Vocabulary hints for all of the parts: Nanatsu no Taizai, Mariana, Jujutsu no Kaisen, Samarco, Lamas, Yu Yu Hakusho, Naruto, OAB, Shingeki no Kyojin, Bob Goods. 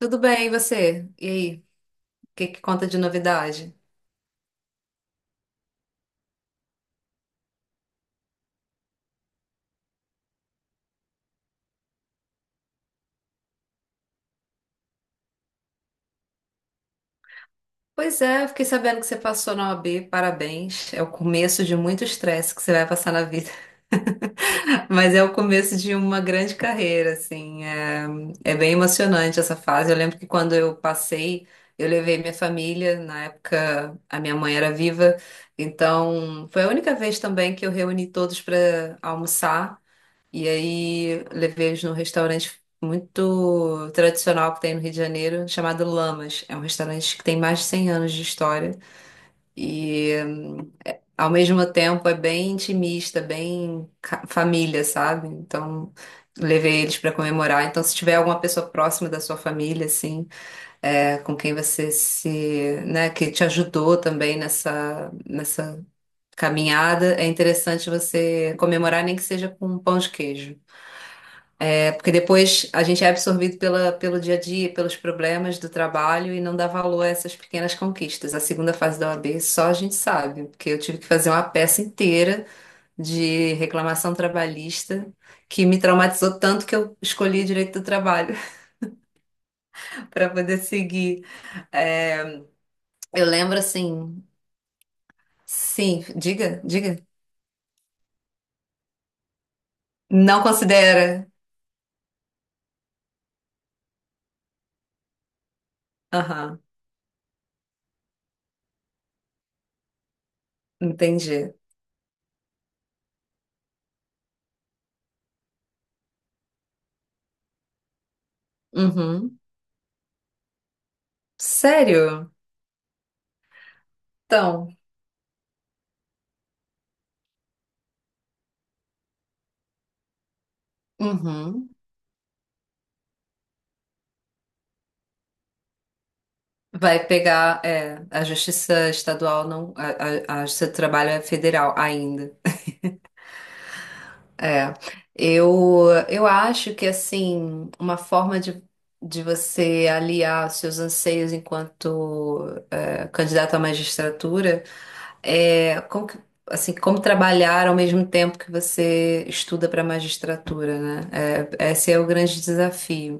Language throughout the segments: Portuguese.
Tudo bem, e você? E aí, o que conta de novidade? Pois é, eu fiquei sabendo que você passou na OAB, parabéns. É o começo de muito estresse que você vai passar na vida, mas é o começo de uma grande carreira, assim. É bem emocionante essa fase. Eu lembro que quando eu passei, eu levei minha família, na época a minha mãe era viva, então foi a única vez também que eu reuni todos para almoçar. E aí levei eles num restaurante muito tradicional que tem no Rio de Janeiro, chamado Lamas. É um restaurante que tem mais de 100 anos de história e ao mesmo tempo é bem intimista, bem família, sabe? Então levei eles para comemorar. Então se tiver alguma pessoa próxima da sua família, assim, com quem você se, né, que te ajudou também nessa caminhada, é interessante você comemorar nem que seja com um pão de queijo. Porque depois a gente é absorvido pelo dia a dia, pelos problemas do trabalho e não dá valor a essas pequenas conquistas. A segunda fase da OAB só a gente sabe, porque eu tive que fazer uma peça inteira de reclamação trabalhista que me traumatizou tanto que eu escolhi direito do trabalho para poder seguir. É, eu lembro assim, sim, diga, diga. Não considera. Aham, entendi. Uhum. Sério? Então, uhum. Vai pegar, é, a justiça estadual não, a justiça do trabalho é federal ainda. É. Eu acho que, assim, uma forma de você aliar os seus anseios enquanto candidato à magistratura é, assim, como trabalhar ao mesmo tempo que você estuda para magistratura, né? É, esse é o grande desafio.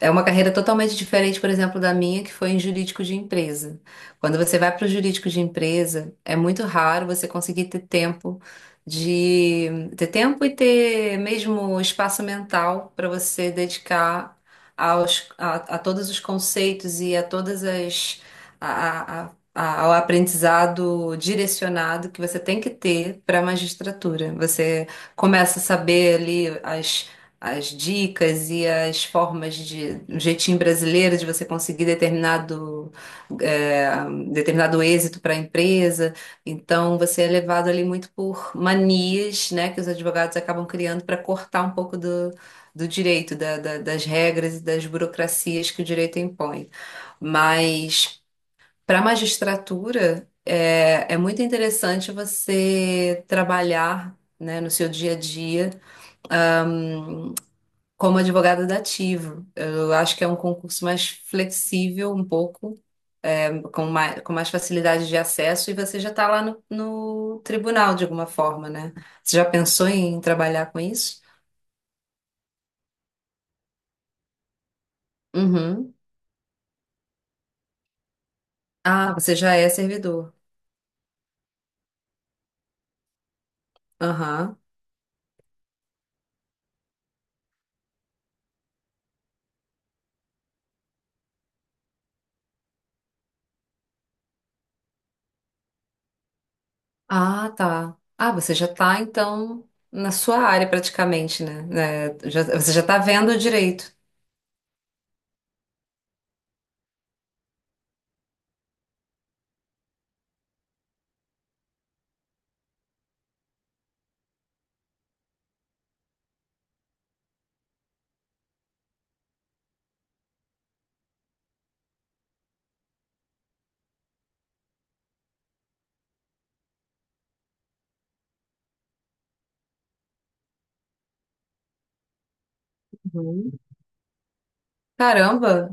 É uma carreira totalmente diferente, por exemplo, da minha, que foi em jurídico de empresa. Quando você vai para o jurídico de empresa, é muito raro você conseguir ter tempo e ter mesmo espaço mental para você dedicar a todos os conceitos e a todas as a, a- ao aprendizado direcionado que você tem que ter para a magistratura. Você começa a saber ali as dicas e as formas de, um jeitinho brasileiro de você conseguir é, determinado êxito para a empresa. Então, você é levado ali muito por manias, né, que os advogados acabam criando para cortar um pouco do. Do direito, das regras e das burocracias que o direito impõe. Mas para a magistratura, é muito interessante você trabalhar, né, no seu dia a dia como advogado dativo. Eu acho que é um concurso mais flexível, um pouco, é, com mais facilidade de acesso, e você já está lá no tribunal de alguma forma, né? Você já pensou em trabalhar com isso? Uhum. Ah, você já é servidor. Aham. Ah, tá. Ah, você já tá, então, na sua área praticamente, né? Né, você já tá vendo direito. Uhum. Caramba!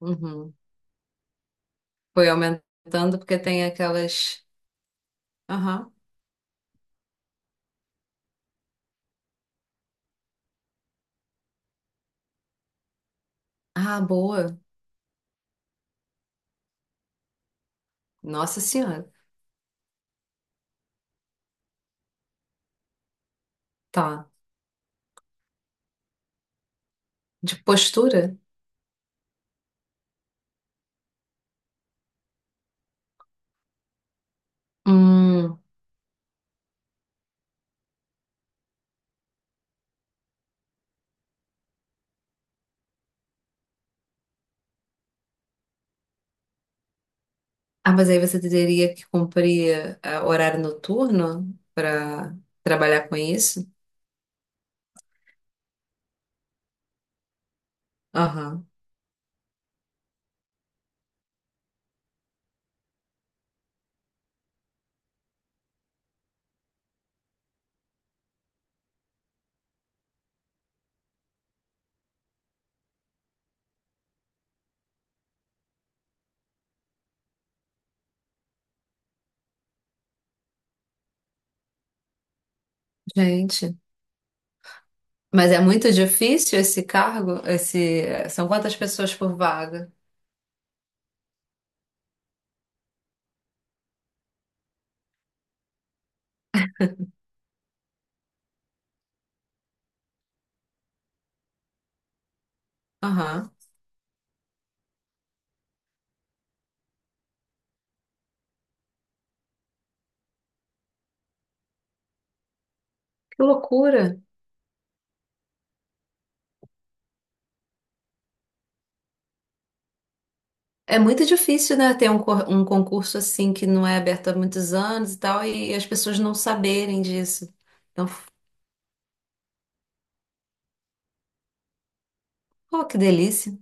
Uhum. Foi aumentando porque tem aquelas. Aham. Ah, boa. Nossa Senhora. Tá. De postura? Hum. Ah, mas aí você teria que cumprir horário noturno para trabalhar com isso? Aham. Gente. Mas é muito difícil esse cargo? São quantas pessoas por vaga? Aham. Que loucura. É muito difícil, né, ter um, um concurso assim que não é aberto há muitos anos e tal, e as pessoas não saberem disso. Então, pô, que delícia.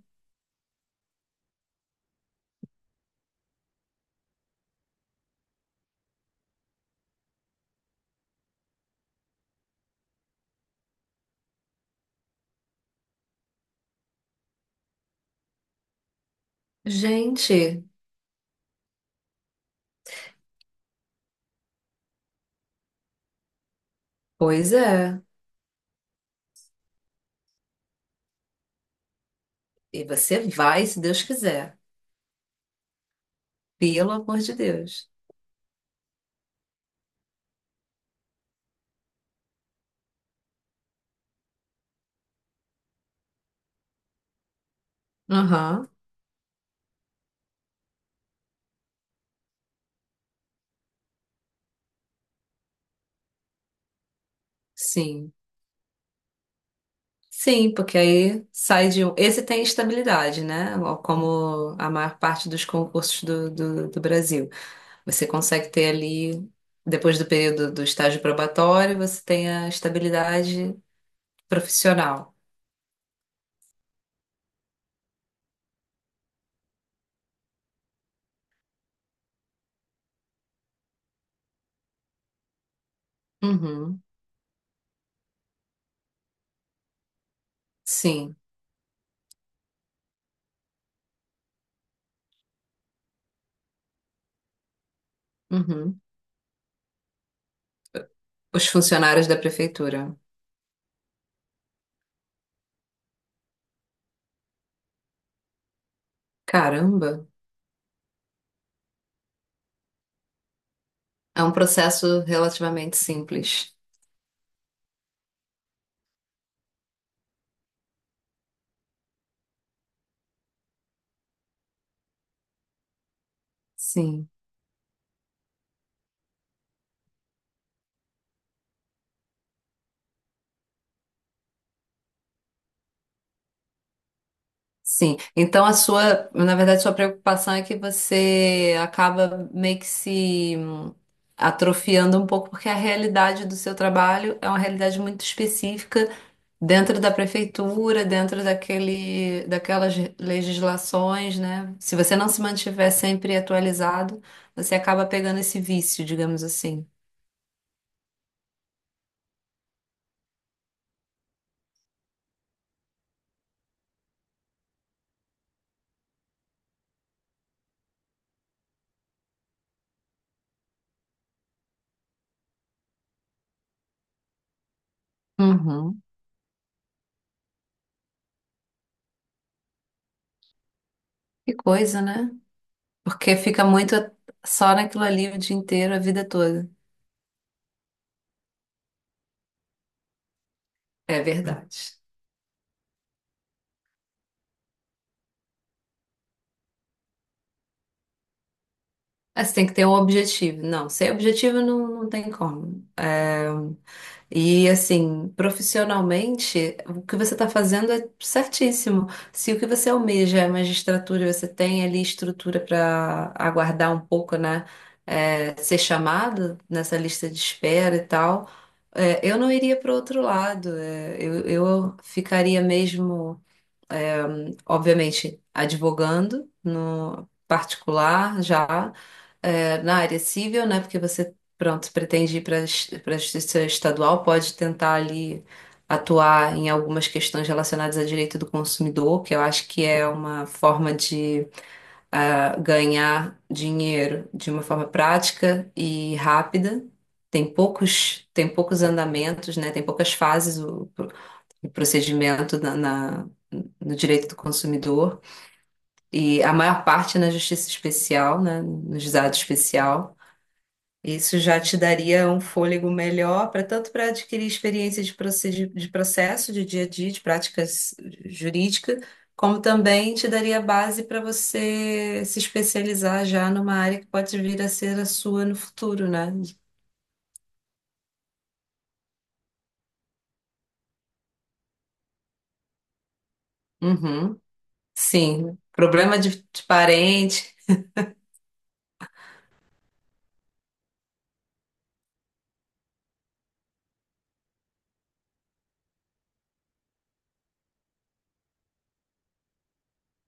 Gente, pois é. E você vai, se Deus quiser. Pelo amor de Deus. Aham, sim. Sim, porque aí sai de um. Esse tem estabilidade, né? Como a maior parte dos concursos do do Brasil. Você consegue ter ali, depois do período do estágio probatório, você tem a estabilidade profissional. Uhum, sim. Uhum. Os funcionários da prefeitura. Caramba, é um processo relativamente simples. Sim, sim. Então a sua, na verdade, sua preocupação é que você acaba meio que se atrofiando um pouco, porque a realidade do seu trabalho é uma realidade muito específica dentro da prefeitura, dentro daquele, daquelas legislações, né? Se você não se mantiver sempre atualizado, você acaba pegando esse vício, digamos assim. Uhum. Que coisa, né? Porque fica muito só naquilo ali o dia inteiro, a vida toda. É verdade. Mas tem que ter um objetivo. Não, sem objetivo não, não tem como. É, e assim, profissionalmente, o que você está fazendo é certíssimo. Se o que você almeja é magistratura e você tem ali estrutura para aguardar um pouco, né? Ser chamado nessa lista de espera e tal, eu não iria para outro lado. Eu ficaria mesmo obviamente, advogando no particular já na área civil, né? Porque você, pronto, pretende ir para a justiça estadual, pode tentar ali atuar em algumas questões relacionadas a direito do consumidor, que eu acho que é uma forma de ganhar dinheiro de uma forma prática e rápida. Tem poucos andamentos, né? Tem poucas fases o procedimento no direito do consumidor e a maior parte na justiça especial, né, no juizado especial. Isso já te daria um fôlego melhor para tanto para adquirir experiência de processo, de dia a dia, de práticas jurídica, como também te daria base para você se especializar já numa área que pode vir a ser a sua no futuro, né? Uhum. Sim, problema de parente,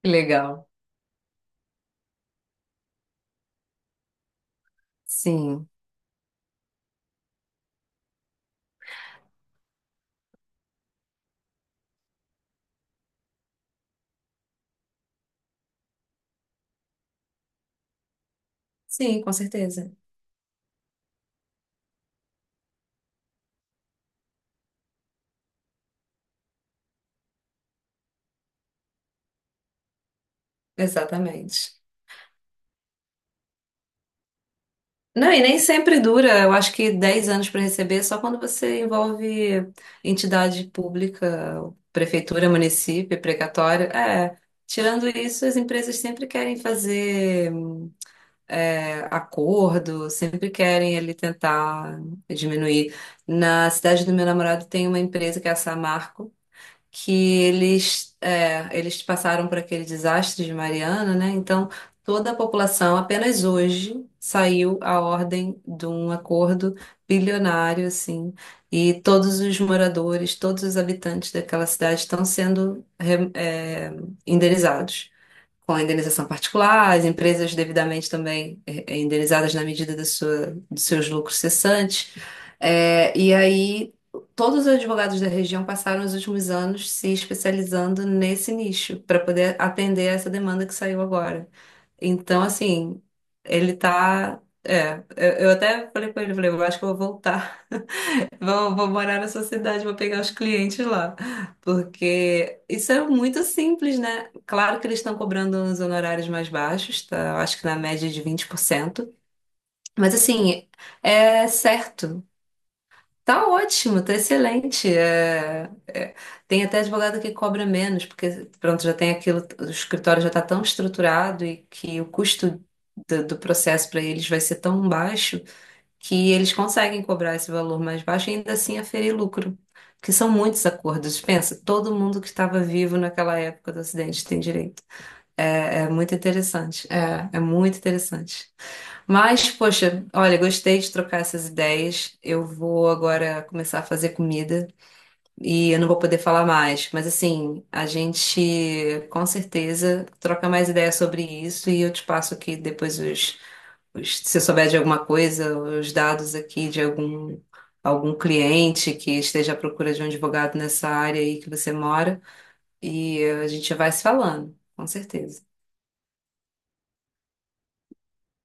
que legal. Sim, sim, com certeza. Exatamente. Não, e nem sempre dura. Eu acho que 10 anos para receber, é só quando você envolve entidade pública, prefeitura, município, precatório. É, tirando isso, as empresas sempre querem fazer acordo, sempre querem ali tentar diminuir. Na cidade do meu namorado tem uma empresa que é a Samarco, que eles, eles passaram por aquele desastre de Mariana, né? Então, toda a população, apenas hoje, saiu a ordem de um acordo bilionário, assim, e todos os moradores, todos os habitantes daquela cidade estão sendo, indenizados com a indenização particular, as empresas devidamente também indenizadas na medida da sua, dos seus lucros cessantes. E aí, todos os advogados da região passaram os últimos anos se especializando nesse nicho, para poder atender essa demanda que saiu agora. Então, assim, ele tá. Eu até falei com ele, falei, eu acho que eu vou voltar. Vou, vou morar na sua cidade, vou pegar os clientes lá. Porque isso é muito simples, né? Claro que eles estão cobrando uns honorários mais baixos, tá? Eu acho que na média de 20%. Mas assim, é certo. Tá ótimo, tá excelente. Tem até advogado que cobra menos, porque pronto, já tem aquilo, o escritório já está tão estruturado e que o custo do processo para eles vai ser tão baixo que eles conseguem cobrar esse valor mais baixo e ainda assim aferir lucro, que são muitos acordos. Pensa, todo mundo que estava vivo naquela época do acidente tem direito. É, é muito interessante, é muito interessante. Mas, poxa, olha, gostei de trocar essas ideias. Eu vou agora começar a fazer comida. E eu não vou poder falar mais, mas assim, a gente com certeza troca mais ideias sobre isso e eu te passo aqui depois os, se você souber de alguma coisa, os dados aqui de algum, algum cliente que esteja à procura de um advogado nessa área aí que você mora, e a gente vai se falando, com certeza.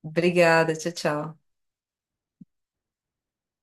Obrigada, tchau, tchau.